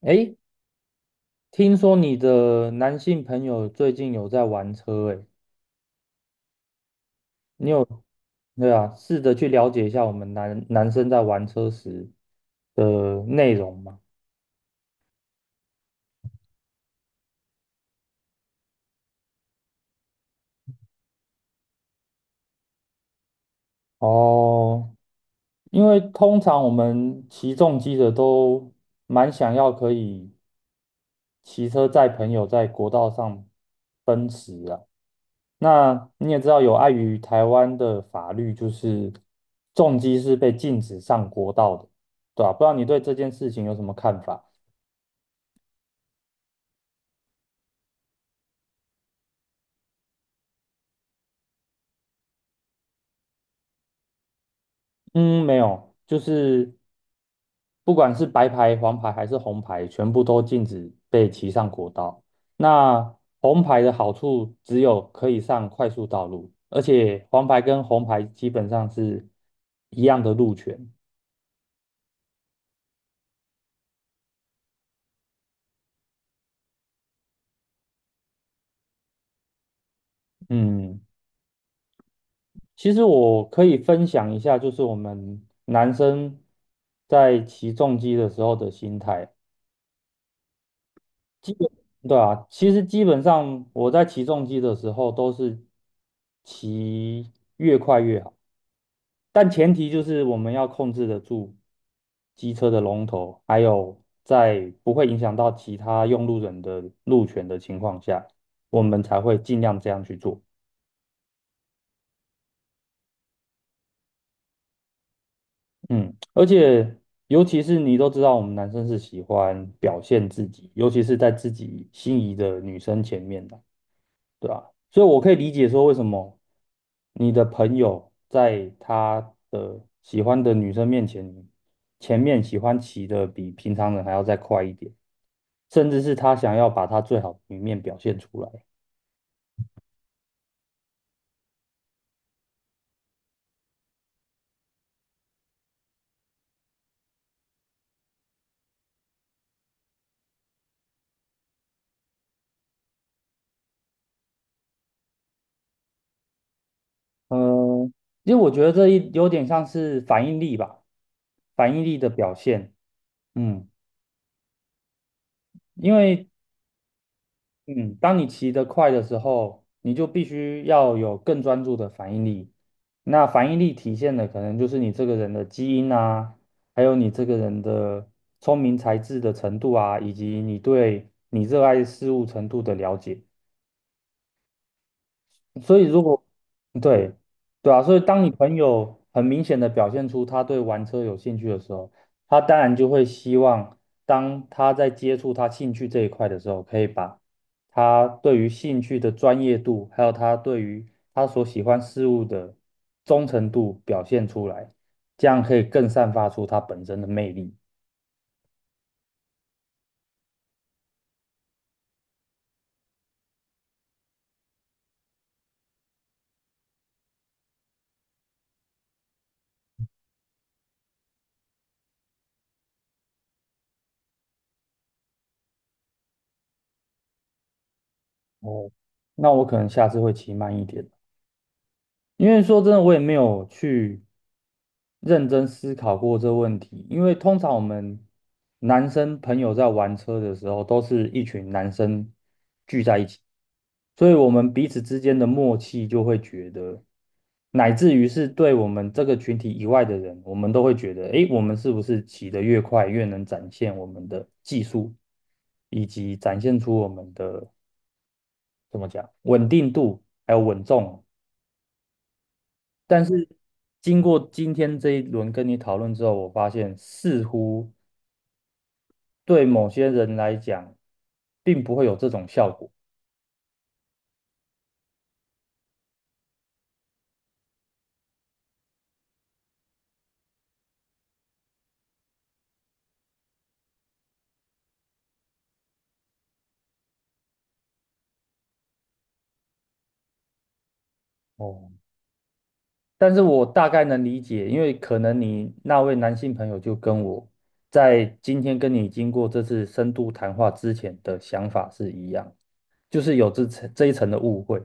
诶，听说你的男性朋友最近有在玩车，诶，你有，对啊，试着去了解一下我们男生在玩车时的内容嘛。哦，因为通常我们骑重机的都蛮想要可以骑车载朋友在国道上奔驰啊。那你也知道，有碍于台湾的法律，就是重机是被禁止上国道的，对吧？不知道你对这件事情有什么看法？嗯，没有，就是不管是白牌、黄牌还是红牌，全部都禁止被骑上国道。那红牌的好处只有可以上快速道路，而且黄牌跟红牌基本上是一样的路权。嗯，其实我可以分享一下，就是我们男生在骑重机的时候的心态。基本，对啊，其实基本上我在骑重机的时候都是骑越快越好，但前提就是我们要控制得住机车的龙头，还有在不会影响到其他用路人的路权的情况下，我们才会尽量这样去做。嗯，而且尤其是你都知道，我们男生是喜欢表现自己，尤其是在自己心仪的女生前面的，对吧？所以我可以理解说，为什么你的朋友在他的喜欢的女生面前，前面喜欢骑的比平常人还要再快一点，甚至是他想要把他最好的一面表现出来。嗯，因为我觉得这一有点像是反应力吧，反应力的表现。嗯，因为嗯，当你骑得快的时候，你就必须要有更专注的反应力。那反应力体现的可能就是你这个人的基因啊，还有你这个人的聪明才智的程度啊，以及你对你热爱事物程度的了解。所以如果对对啊，所以当你朋友很明显的表现出他对玩车有兴趣的时候，他当然就会希望，当他在接触他兴趣这一块的时候，可以把他对于兴趣的专业度，还有他对于他所喜欢事物的忠诚度表现出来，这样可以更散发出他本身的魅力。哦，那我可能下次会骑慢一点。因为说真的，我也没有去认真思考过这个问题。因为通常我们男生朋友在玩车的时候，都是一群男生聚在一起，所以我们彼此之间的默契就会觉得，乃至于是对我们这个群体以外的人，我们都会觉得，诶，我们是不是骑得越快，越能展现我们的技术，以及展现出我们的怎么讲稳定度，还有稳重。但是经过今天这一轮跟你讨论之后，我发现似乎对某些人来讲，并不会有这种效果。哦，但是我大概能理解，因为可能你那位男性朋友就跟我在今天跟你经过这次深度谈话之前的想法是一样，就是有这一层的误会。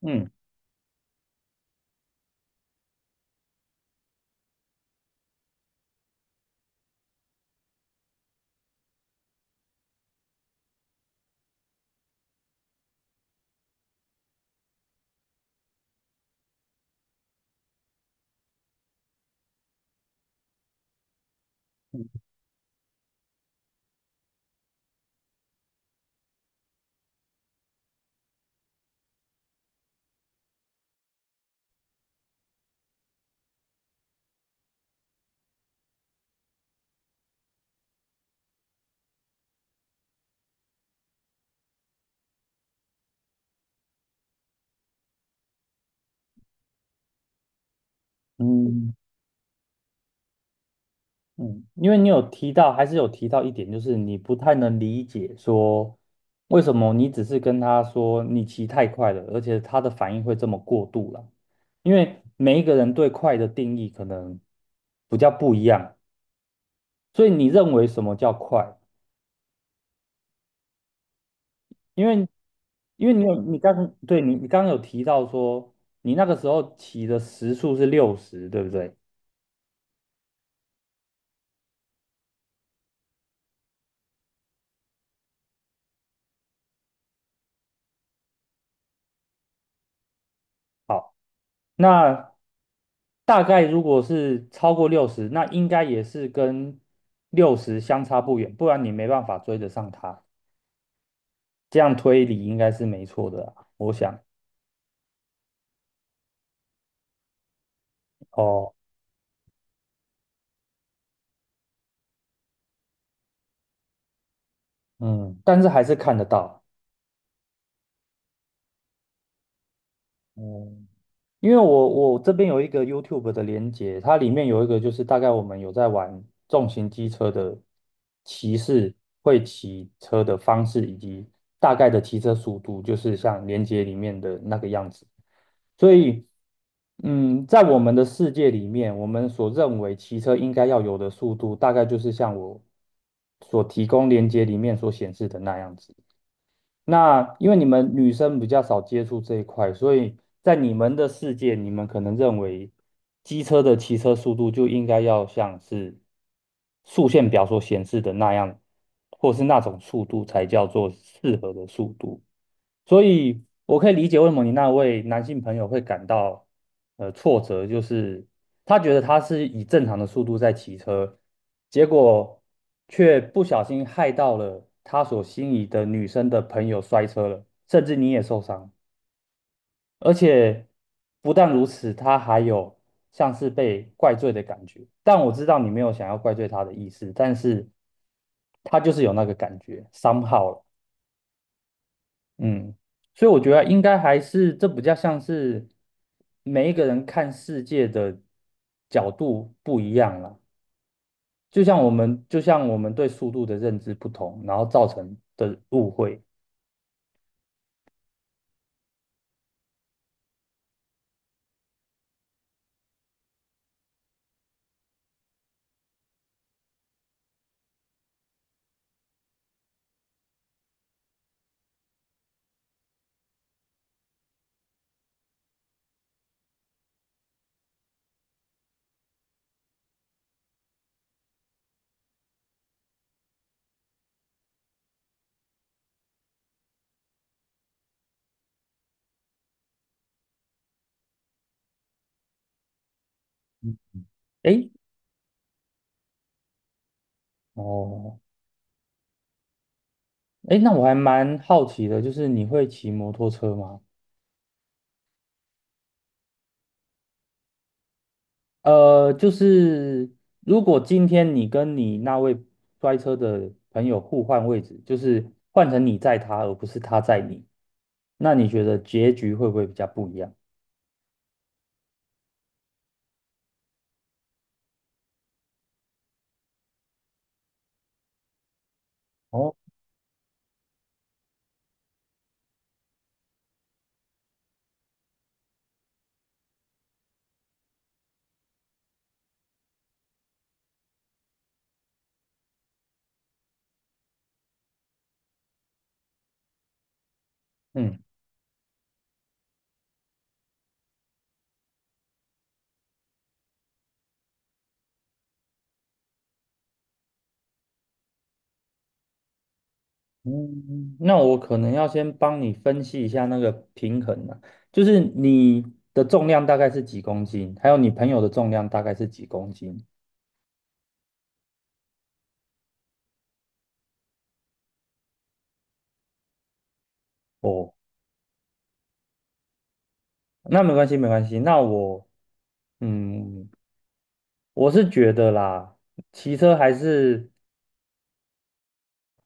嗯。嗯，嗯，因为你有提到，还是有提到一点，就是你不太能理解说为什么你只是跟他说你骑太快了，而且他的反应会这么过度了。因为每一个人对快的定义可能比较不一样，所以你认为什么叫快？因为因为你刚刚有提到说你那个时候骑的时速是六十，对不对？好。那大概如果是超过六十，那应该也是跟六十相差不远，不然你没办法追得上它。这样推理应该是没错的啊我想。哦，嗯，但是还是看得到。嗯。因为我这边有一个 YouTube 的连接，它里面有一个就是大概我们有在玩重型机车的骑士会骑车的方式，以及大概的骑车速度，就是像连接里面的那个样子。所以，在我们的世界里面，我们所认为骑车应该要有的速度，大概就是像我所提供连接里面所显示的那样子。那因为你们女生比较少接触这一块，所以在你们的世界，你们可能认为机车的骑车速度就应该要像是速限表所显示的那样，或是那种速度才叫做适合的速度。所以我可以理解为什么你那位男性朋友会感到挫折，就是他觉得他是以正常的速度在骑车，结果却不小心害到了他所心仪的女生的朋友摔车了，甚至你也受伤，而且不但如此，他还有像是被怪罪的感觉。但我知道你没有想要怪罪他的意思，但是他就是有那个感觉，somehow 了嗯，所以我觉得应该还是这比较像是每一个人看世界的角度不一样啦，就像我们对速度的认知不同，然后造成的误会。嗯。诶，哦，诶，那我还蛮好奇的，就是你会骑摩托车吗？就是如果今天你跟你那位摔车的朋友互换位置，就是换成你载他，而不是他载你，那你觉得结局会不会比较不一样？哦，嗯嗯，那我可能要先帮你分析一下那个平衡啊，就是你的重量大概是几公斤，还有你朋友的重量大概是几公斤。哦，那没关系，没关系。那我，嗯，我是觉得啦，骑车还是。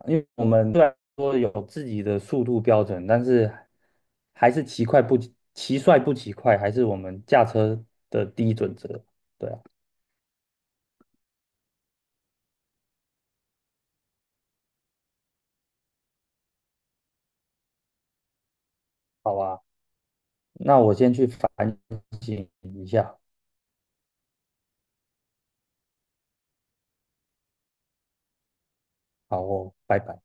因为我们虽然说有自己的速度标准，但是还是骑帅不骑快，还是我们驾车的第一准则。对啊，好啊，那我先去反省一下。好哦，拜拜。